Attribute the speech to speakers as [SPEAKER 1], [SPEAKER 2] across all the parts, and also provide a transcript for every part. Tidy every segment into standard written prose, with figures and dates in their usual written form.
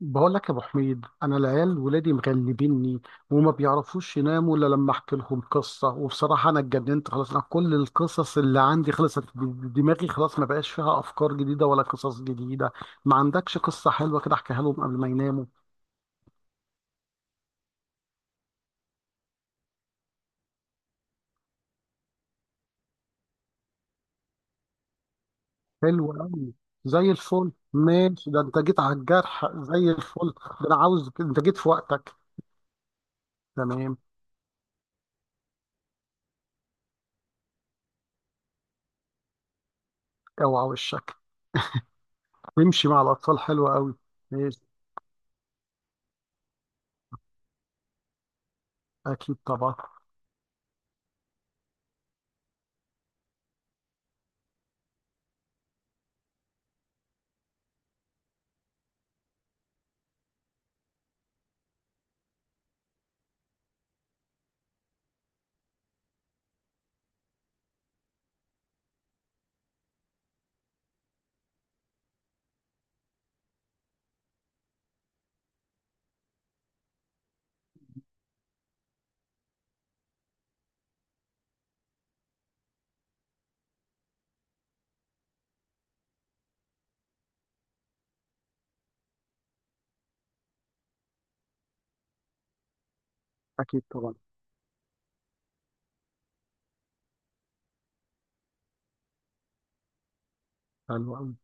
[SPEAKER 1] بقول لك يا ابو حميد، انا العيال ولادي مغلبيني. وما بيعرفوش يناموا الا لما احكي لهم قصه. وبصراحه انا اتجننت خلاص، انا كل القصص اللي عندي خلصت. دماغي خلاص ما بقاش فيها افكار جديده ولا قصص جديده. ما عندكش قصه حلوه كده احكيها لهم قبل ما يناموا؟ حلوه قوي. زي الفل. ماشي، ده انت جيت على الجرح زي الفل. ده انا عاوز، انت جيت في وقتك. تمام. اوعى وشك تمشي مع الاطفال، حلوه قوي. ماشي. اكيد طبعا. اكيد طبعا. حلوه قوي.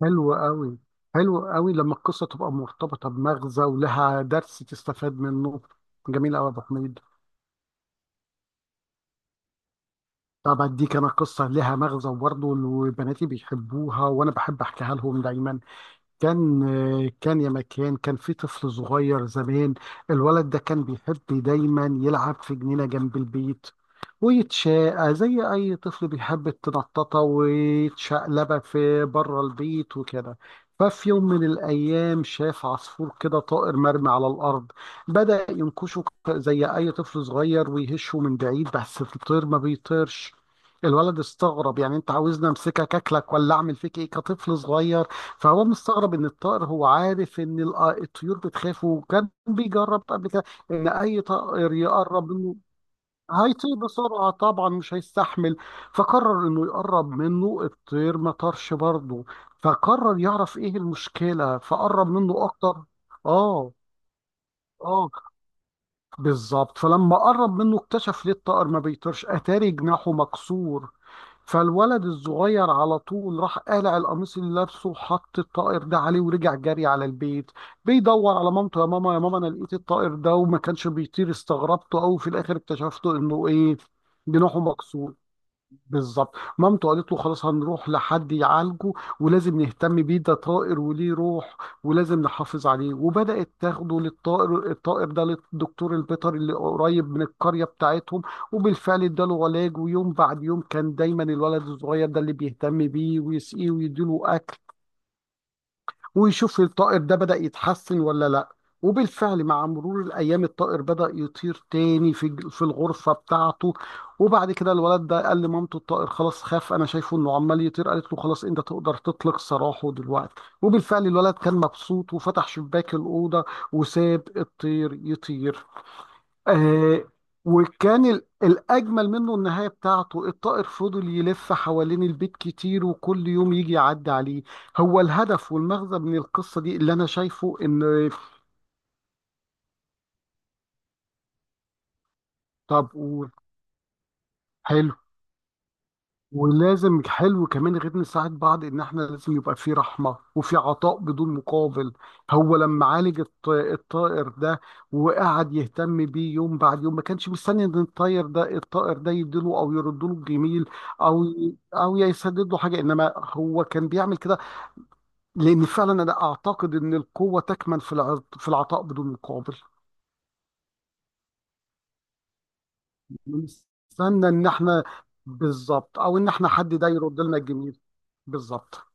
[SPEAKER 1] حلو قوي. حلو قوي لما القصة تبقى مرتبطة بمغزى ولها درس تستفاد منه. جميل قوي يا أبو حميد. طب أديك أنا قصة لها مغزى وبرضه وبناتي بيحبوها وأنا بحب أحكيها لهم دايما. كان، كان يا مكان، كان في طفل صغير زمان. الولد ده كان بيحب دايما يلعب في جنينة جنب البيت، ويتشاقى زي أي طفل بيحب التنططة ويتشقلبة في بره البيت وكده. ففي يوم من الأيام شاف عصفور كده، طائر مرمي على الأرض. بدأ ينكشه زي أي طفل صغير ويهشه من بعيد، بس الطير ما بيطيرش. الولد استغرب، يعني انت عاوزني امسكك اكلك ولا اعمل فيك ايه، كطفل صغير. فهو مستغرب ان الطائر، هو عارف ان الطيور بتخاف وكان بيجرب قبل كده ان اي طائر يقرب منه هيطير بسرعه طبعا، مش هيستحمل. فقرر انه يقرب منه، الطير ما طارش برضه. فقرر يعرف ايه المشكله، فقرب منه اكتر. اه. اه. بالظبط. فلما قرب منه اكتشف ليه الطائر ما بيطيرش، اتاري جناحه مكسور. فالولد الصغير على طول راح قالع القميص اللي لابسه وحط الطائر ده عليه، ورجع جري على البيت بيدور على مامته، يا ماما يا ماما انا لقيت الطائر ده وما كانش بيطير، استغربته قوي في الاخر اكتشفته انه ايه؟ جناحه مكسور. بالظبط. مامته قالت له خلاص هنروح لحد يعالجه، ولازم نهتم بيه، ده طائر وليه روح، ولازم نحافظ عليه. وبدأت تاخده للطائر، الطائر ده للدكتور البيطري اللي قريب من القرية بتاعتهم. وبالفعل اداله علاج، ويوم بعد يوم كان دايما الولد الصغير ده اللي بيهتم بيه ويسقيه ويديله أكل. ويشوف الطائر ده بدأ يتحسن ولا لا. وبالفعل مع مرور الأيام الطائر بدأ يطير تاني في في الغرفة بتاعته. وبعد كده الولد ده قال لمامته، الطائر خلاص خاف، أنا شايفه إنه عمال يطير. قالت له خلاص أنت تقدر تطلق سراحه دلوقتي. وبالفعل الولد كان مبسوط وفتح شباك الأوضة وساب الطير يطير. آه. وكان الأجمل منه النهاية بتاعته، الطائر فضل يلف حوالين البيت كتير، وكل يوم يجي يعدي عليه. هو الهدف والمغزى من القصة دي اللي أنا شايفه إن، طب وحلو، ولازم حلو كمان غير نساعد بعض، ان احنا لازم يبقى في رحمه وفي عطاء بدون مقابل. هو لما عالج الطائر ده وقعد يهتم بيه يوم بعد يوم، ما كانش مستني ان الطائر ده، الطائر ده يديله او يرد له الجميل، او يسدد له حاجه، انما هو كان بيعمل كده. لان فعلا انا اعتقد ان القوه تكمن في في العطاء بدون مقابل. نستنى ان احنا، بالظبط، او ان احنا حد ده يرد لنا الجميل. بالظبط.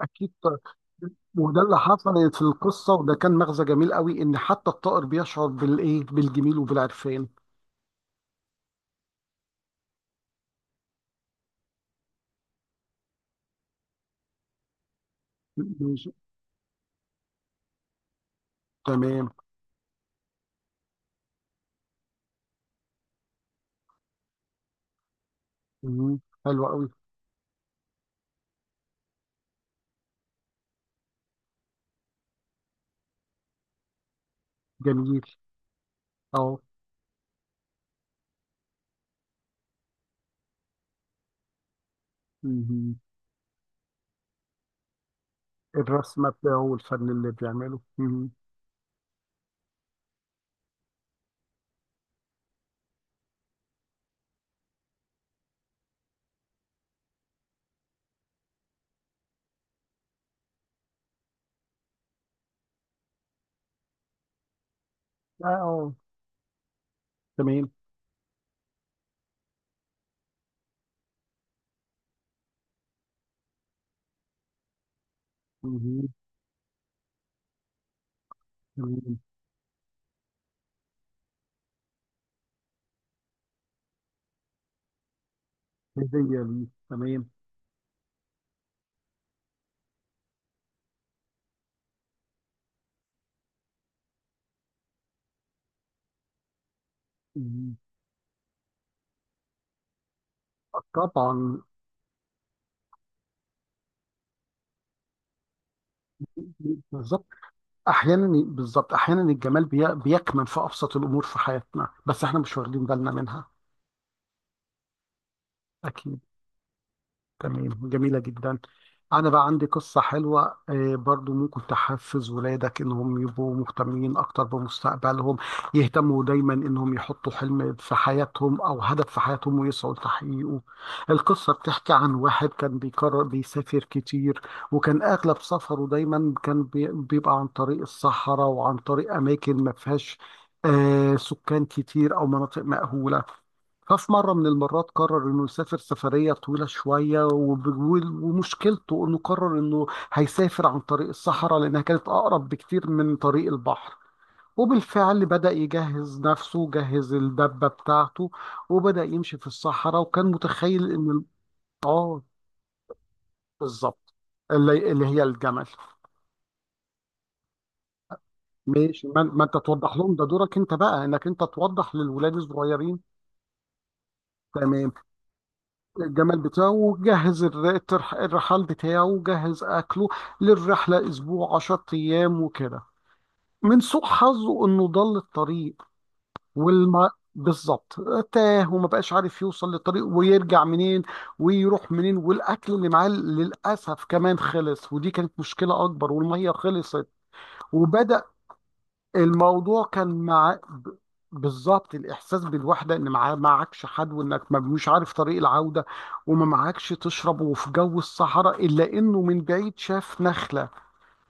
[SPEAKER 1] اكيد. وده اللي حصل في القصة، وده كان مغزى جميل قوي، ان حتى الطائر بيشعر بالايه، بالجميل وبالعرفان. ماشي. تمام. مم. حلو قوي. جميل. اهو. مم. الرسمة بتاعه والفن اللي بيعمله. مم. اه. تمام. مم. تمام. هدية ليه، تمام. مم. طبعا. بالظبط. احيانا الجمال بيكمن في ابسط الامور في حياتنا، بس احنا مش واخدين بالنا منها. اكيد. تمام. جميلة جدا. أنا بقى عندي قصة حلوة، برضو ممكن تحفز ولادك إنهم يبقوا مهتمين أكتر بمستقبلهم، يهتموا دايما إنهم يحطوا حلم في حياتهم أو هدف في حياتهم ويسعوا لتحقيقه. القصة بتحكي عن واحد كان بيكرر بيسافر كتير، وكان أغلب سفره دايما كان بيبقى عن طريق الصحراء وعن طريق أماكن ما فيهاش سكان كتير أو مناطق مأهولة. ففي مرة من المرات قرر إنه يسافر سفرية طويلة شوية، ومشكلته إنه قرر إنه هيسافر عن طريق الصحراء لأنها كانت أقرب بكتير من طريق البحر. وبالفعل بدأ يجهز نفسه، جهز الدبة بتاعته، وبدأ يمشي في الصحراء، وكان متخيل إن آه، بالظبط، اللي هي الجمل. ماشي. ما أنت توضح لهم، ده دورك أنت بقى إنك أنت توضح للولاد الصغيرين. تمام. الجمال بتاعه، وجهز الرحال بتاعه، وجهز أكله للرحلة أسبوع عشر أيام وكده. من سوء حظه إنه ضل الطريق. والما بالظبط، تاه وما بقاش عارف يوصل للطريق ويرجع منين ويروح منين. والأكل اللي معاه للأسف كمان خلص، ودي كانت مشكلة أكبر، والمية خلصت. وبدأ الموضوع كان مع ب- بالظبط، الإحساس بالوحدة، إن معكش حد، وإنك مش عارف طريق العودة، وما معكش تشرب، وفي جو الصحراء. إلا إنه من بعيد شاف نخلة.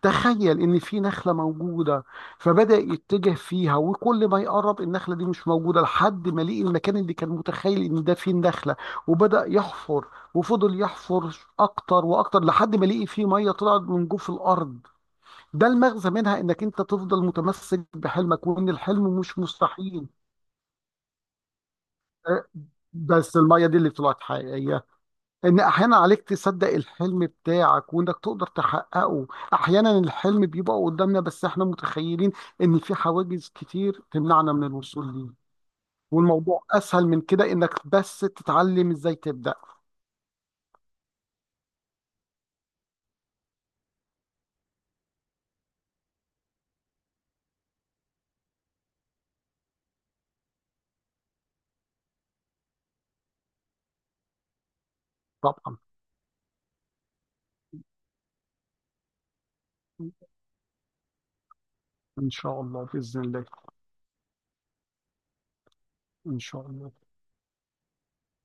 [SPEAKER 1] تخيل إن في نخلة موجودة. فبدأ يتجه فيها، وكل ما يقرب النخلة دي مش موجودة، لحد ما لقي المكان اللي كان متخيل إن ده فيه النخلة. وبدأ يحفر، وفضل يحفر أكتر وأكتر، لحد ما لقي فيه مية طلعت من جوف الأرض. ده المغزى منها، انك انت تفضل متمسك بحلمك، وان الحلم مش مستحيل. أه، بس المية دي اللي طلعت حقيقية. ان احيانا عليك تصدق الحلم بتاعك، وانك تقدر تحققه. احيانا الحلم بيبقى قدامنا، بس احنا متخيلين ان في حواجز كتير تمنعنا من الوصول ليه، والموضوع اسهل من كده، انك بس تتعلم ازاي تبدأ. طبعا. ان شاء الله، باذن الله. ان شاء الله.